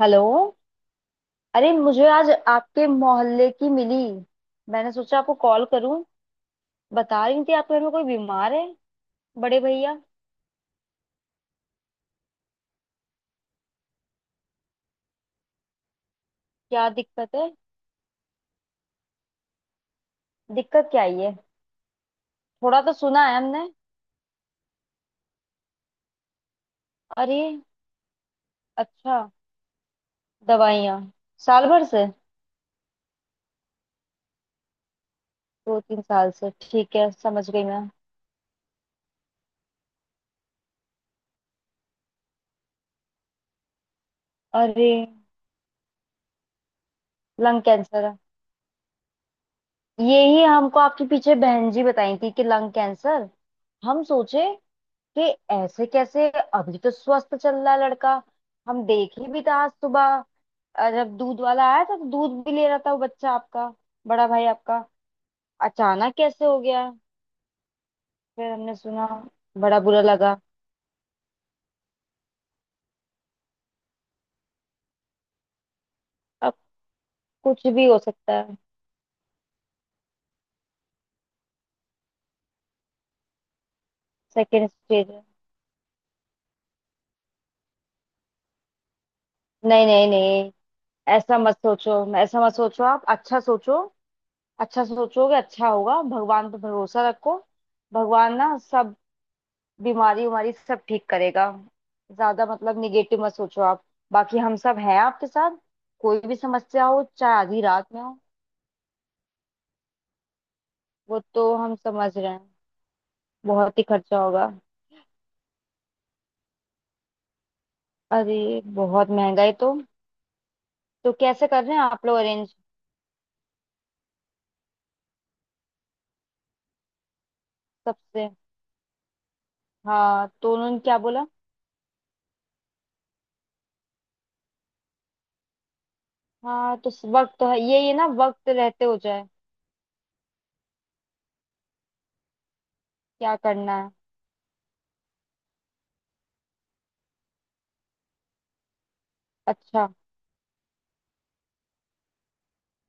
Hello. अरे मुझे आज आपके मोहल्ले की मिली। मैंने सोचा आपको कॉल करूं। बता रही थी आपके घर में कोई बीमार है, बड़े भैया। क्या दिक्कत है? दिक्कत क्या आई है? थोड़ा तो सुना है हमने। अरे अच्छा। दवाइयाँ साल भर से? 2 3 साल से, ठीक है, समझ गई मैं। अरे लंग कैंसर है! यही हमको आपके पीछे बहन जी बताई थी कि लंग कैंसर। हम सोचे कि ऐसे कैसे, अभी तो स्वस्थ चल रहा है लड़का। हम देखे भी था आज सुबह, जब दूध वाला आया था तो दूध भी ले रहा था वो बच्चा आपका, बड़ा भाई आपका। अचानक कैसे हो गया? फिर हमने सुना, बड़ा बुरा लगा। अब कुछ भी हो सकता है। सेकेंड स्टेज है? नहीं नहीं नहीं, ऐसा मत सोचो, ऐसा मत सोचो आप। अच्छा सोचो, अच्छा सोचोगे अच्छा होगा, भगवान पर भरोसा रखो। भगवान ना सब बीमारी उमारी सब ठीक करेगा। ज्यादा मतलब निगेटिव मत सोचो आप। बाकी हम सब हैं आपके साथ, कोई भी समस्या हो चाहे आधी रात में हो। वो तो हम समझ रहे हैं, बहुत ही खर्चा होगा। अरे बहुत महंगा है तो। तो कैसे कर रहे हैं आप लोग अरेंज? सबसे? हाँ, तो उन्होंने क्या बोला? हाँ, तो वक्त तो है, ये ना वक्त रहते हो जाए। क्या करना है? अच्छा।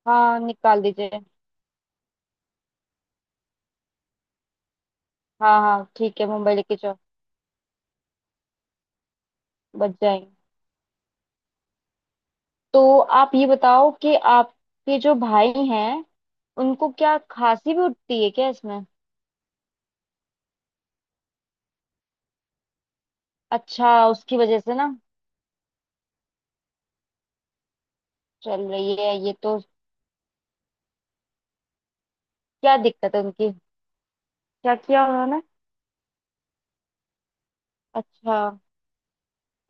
हाँ, निकाल दीजिए। हाँ हाँ ठीक है, मुंबई लेके जाओ। बच जाएंगे। तो आप ये बताओ कि आपके जो भाई हैं, उनको क्या खांसी भी उठती है क्या इसमें? अच्छा, उसकी वजह से ना। चल रही है ये तो। क्या दिक्कत है उनकी? क्या किया उन्होंने? अच्छा,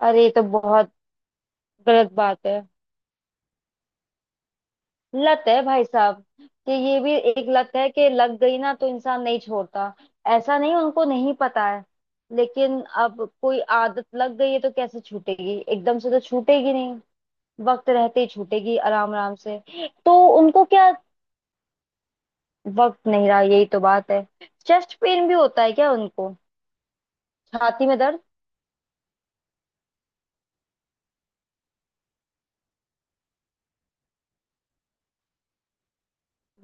अरे ये तो बहुत गलत बात है। लत है भाई साहब, कि ये भी एक लत है कि लग गई ना तो इंसान नहीं छोड़ता। ऐसा नहीं उनको नहीं पता है, लेकिन अब कोई आदत लग गई है तो कैसे छूटेगी, एकदम से तो छूटेगी नहीं। वक्त रहते ही छूटेगी, आराम आराम से। तो उनको क्या, वक्त नहीं रहा यही तो बात है। चेस्ट पेन भी होता है क्या उनको? छाती में दर्द।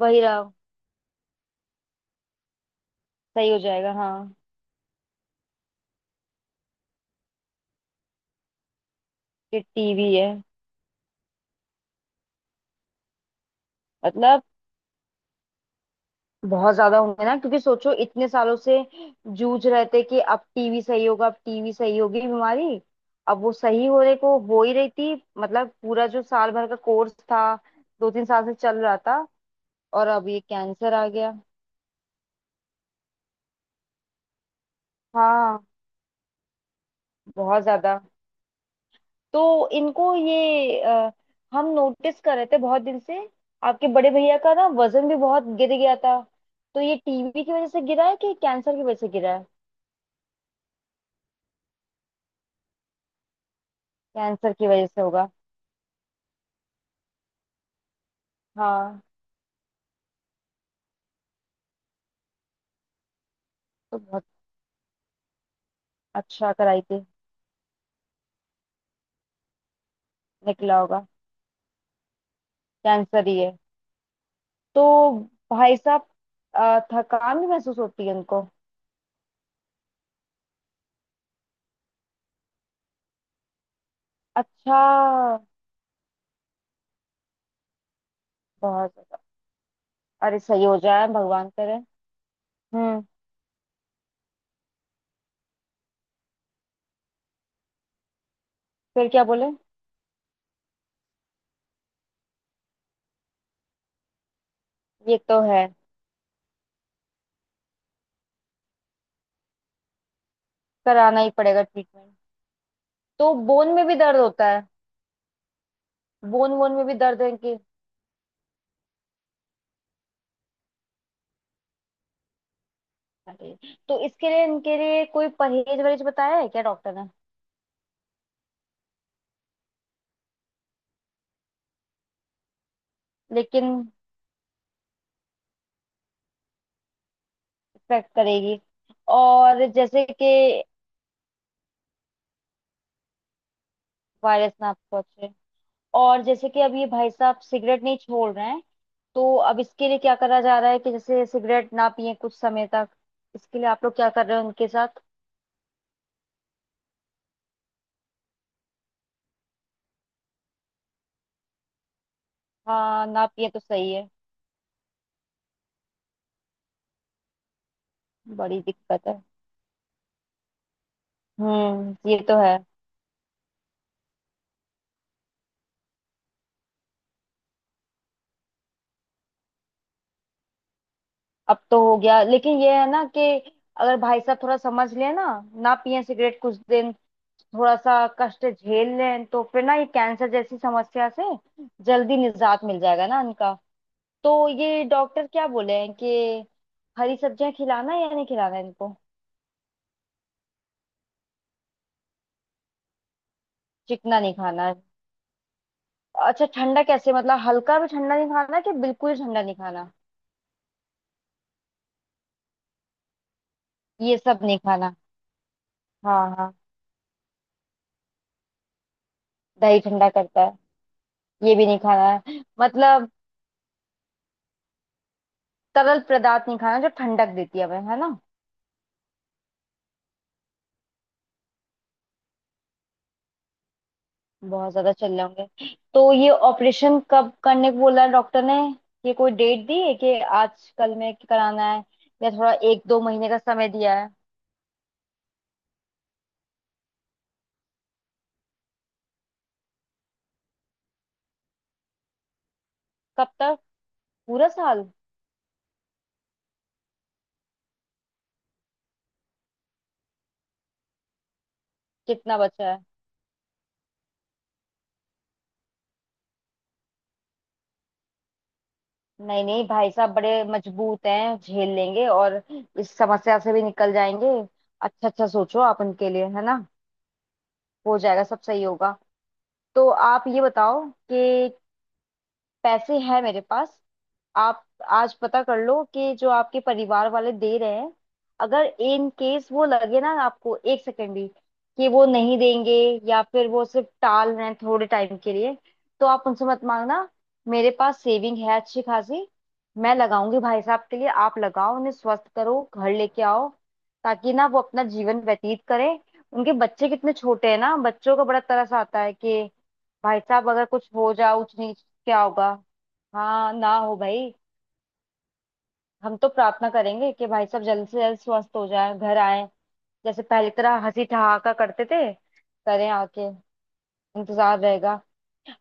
वही रहा। सही हो जाएगा हाँ। कि टीवी है। मतलब बहुत ज्यादा होंगे ना, क्योंकि सोचो इतने सालों से जूझ रहे थे कि अब टीवी सही होगा, अब टीवी सही होगी बीमारी। अब वो सही होने को हो ही रही थी, मतलब पूरा जो साल भर का कोर्स था, 2 3 साल से चल रहा था। और अब ये कैंसर आ गया। हाँ, बहुत ज्यादा। तो इनको ये हम नोटिस कर रहे थे बहुत दिन से, आपके बड़े भैया का ना वजन भी बहुत गिर गया था। तो ये टीवी की वजह से गिरा है कि कैंसर की वजह से गिरा है? कैंसर की वजह से होगा। हाँ। तो बहुत। अच्छा, कराई थी। निकला होगा। कैंसर ही है। तो भाई साहब, थकान भी महसूस होती है उनको? अच्छा, बहुत ज्यादा। अरे सही हो जाए भगवान करे। हम्म। फिर क्या बोले? ये तो है। कराना ही पड़ेगा ट्रीटमेंट। तो बोन में भी दर्द होता है? बोन वोन में भी दर्द है इनकी? अरे। तो इसके लिए, इनके लिए कोई परहेज वरहेज बताया है क्या डॉक्टर ने? लेकिन इफेक्ट करेगी। और जैसे कि वायरस ना पहुंचे। और जैसे कि अब ये भाई साहब सिगरेट नहीं छोड़ रहे हैं, तो अब इसके लिए क्या करा जा रहा है कि जैसे सिगरेट ना पिए कुछ समय तक? इसके लिए आप लोग क्या कर रहे हो उनके साथ? हाँ ना पिए तो सही है। बड़ी दिक्कत है। हम्म, ये तो है। अब तो हो गया, लेकिन ये है ना कि अगर भाई साहब थोड़ा समझ लें ना, ना पिए सिगरेट कुछ दिन, थोड़ा सा कष्ट झेल लें तो फिर ना ये कैंसर जैसी समस्या से जल्दी निजात मिल जाएगा ना इनका। तो ये डॉक्टर क्या बोले हैं कि हरी सब्जियां खिलाना है या नहीं खिलाना है इनको? चिकना नहीं खाना है? अच्छा, ठंडा कैसे, मतलब हल्का भी ठंडा नहीं खाना कि बिल्कुल ही ठंडा नहीं खाना? ये सब नहीं खाना। हाँ हाँ, दही ठंडा करता है। ये भी नहीं खाना है मतलब, तरल पदार्थ नहीं खाना जो ठंडक देती है हमें है ना। बहुत ज्यादा चल रहे होंगे। तो ये ऑपरेशन कब करने को बोला है डॉक्टर ने? ये कोई डेट दी है कि आज कल में कराना है या थोड़ा 1 2 महीने का समय दिया है? कब तक? पूरा साल? कितना बचा है? नहीं नहीं भाई साहब बड़े मजबूत हैं, झेल लेंगे, और इस समस्या से भी निकल जाएंगे। अच्छा अच्छा सोचो आप उनके लिए है ना, हो जाएगा, सब सही होगा। तो आप ये बताओ कि पैसे हैं मेरे पास। आप आज पता कर लो कि जो आपके परिवार वाले दे रहे हैं, अगर इन केस वो लगे ना आपको 1 सेकंड भी कि वो नहीं देंगे या फिर वो सिर्फ टाल रहे हैं थोड़े टाइम के लिए, तो आप उनसे मत मांगना। मेरे पास सेविंग है अच्छी खासी, मैं लगाऊंगी भाई साहब के लिए, आप लगाओ उन्हें स्वस्थ करो घर लेके आओ, ताकि ना वो अपना जीवन व्यतीत करें। उनके बच्चे कितने छोटे हैं ना, बच्चों का बड़ा तरस आता है कि भाई साहब अगर कुछ हो जाए ऊंच नीच, क्या होगा? हाँ ना हो भाई। हम तो प्रार्थना करेंगे कि भाई साहब जल्द से जल्द स्वस्थ हो जाए घर आए, जैसे पहले की तरह हंसी ठहाका करते थे, करें आके। इंतजार रहेगा।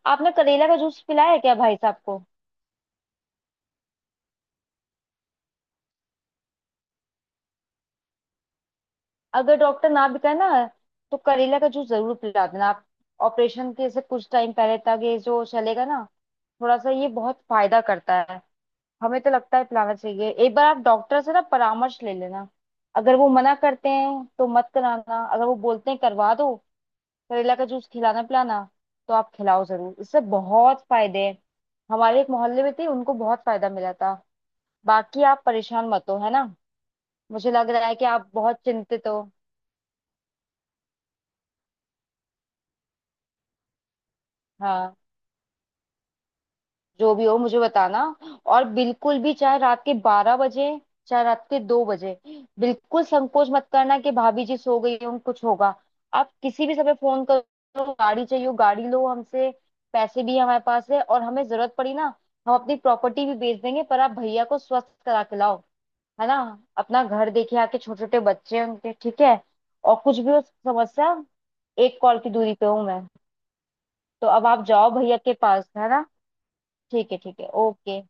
आपने करेला का जूस पिलाया है क्या भाई साहब को? अगर डॉक्टर ना भी कहे ना, तो करेला का जूस जरूर पिला देना आप। ऑपरेशन के से कुछ टाइम पहले तक ये जो चलेगा ना, थोड़ा सा, ये बहुत फायदा करता है। हमें तो लगता है पिलाना चाहिए। एक बार आप डॉक्टर से ना परामर्श ले लेना, अगर वो मना करते हैं तो मत कराना, अगर वो बोलते हैं करवा दो करेला का जूस, खिलाना पिलाना, तो आप खिलाओ जरूर, इससे बहुत फायदे हैं। हमारे एक मोहल्ले में थी, उनको बहुत फायदा मिला था। बाकी आप परेशान मत हो है ना। मुझे लग रहा है कि आप बहुत चिंतित हो। हाँ, जो भी हो मुझे बताना, और बिल्कुल भी चाहे रात के 12 बजे चाहे रात के 2 बजे, बिल्कुल संकोच मत करना कि भाभी जी सो गई हों कुछ होगा। आप किसी भी समय फोन करो, गाड़ी चाहिए हो गाड़ी लो हमसे। पैसे भी हमारे पास है, और हमें जरूरत पड़ी ना हम अपनी प्रॉपर्टी भी बेच देंगे, पर आप भैया को स्वस्थ करा के लाओ, है ना। अपना घर देखे आके, छोटे छोटे बच्चे हैं उनके, ठीक है। और कुछ भी हो समस्या, एक कॉल की दूरी पे हूँ मैं। तो अब आप जाओ भैया के पास है ना। ठीक है ओके।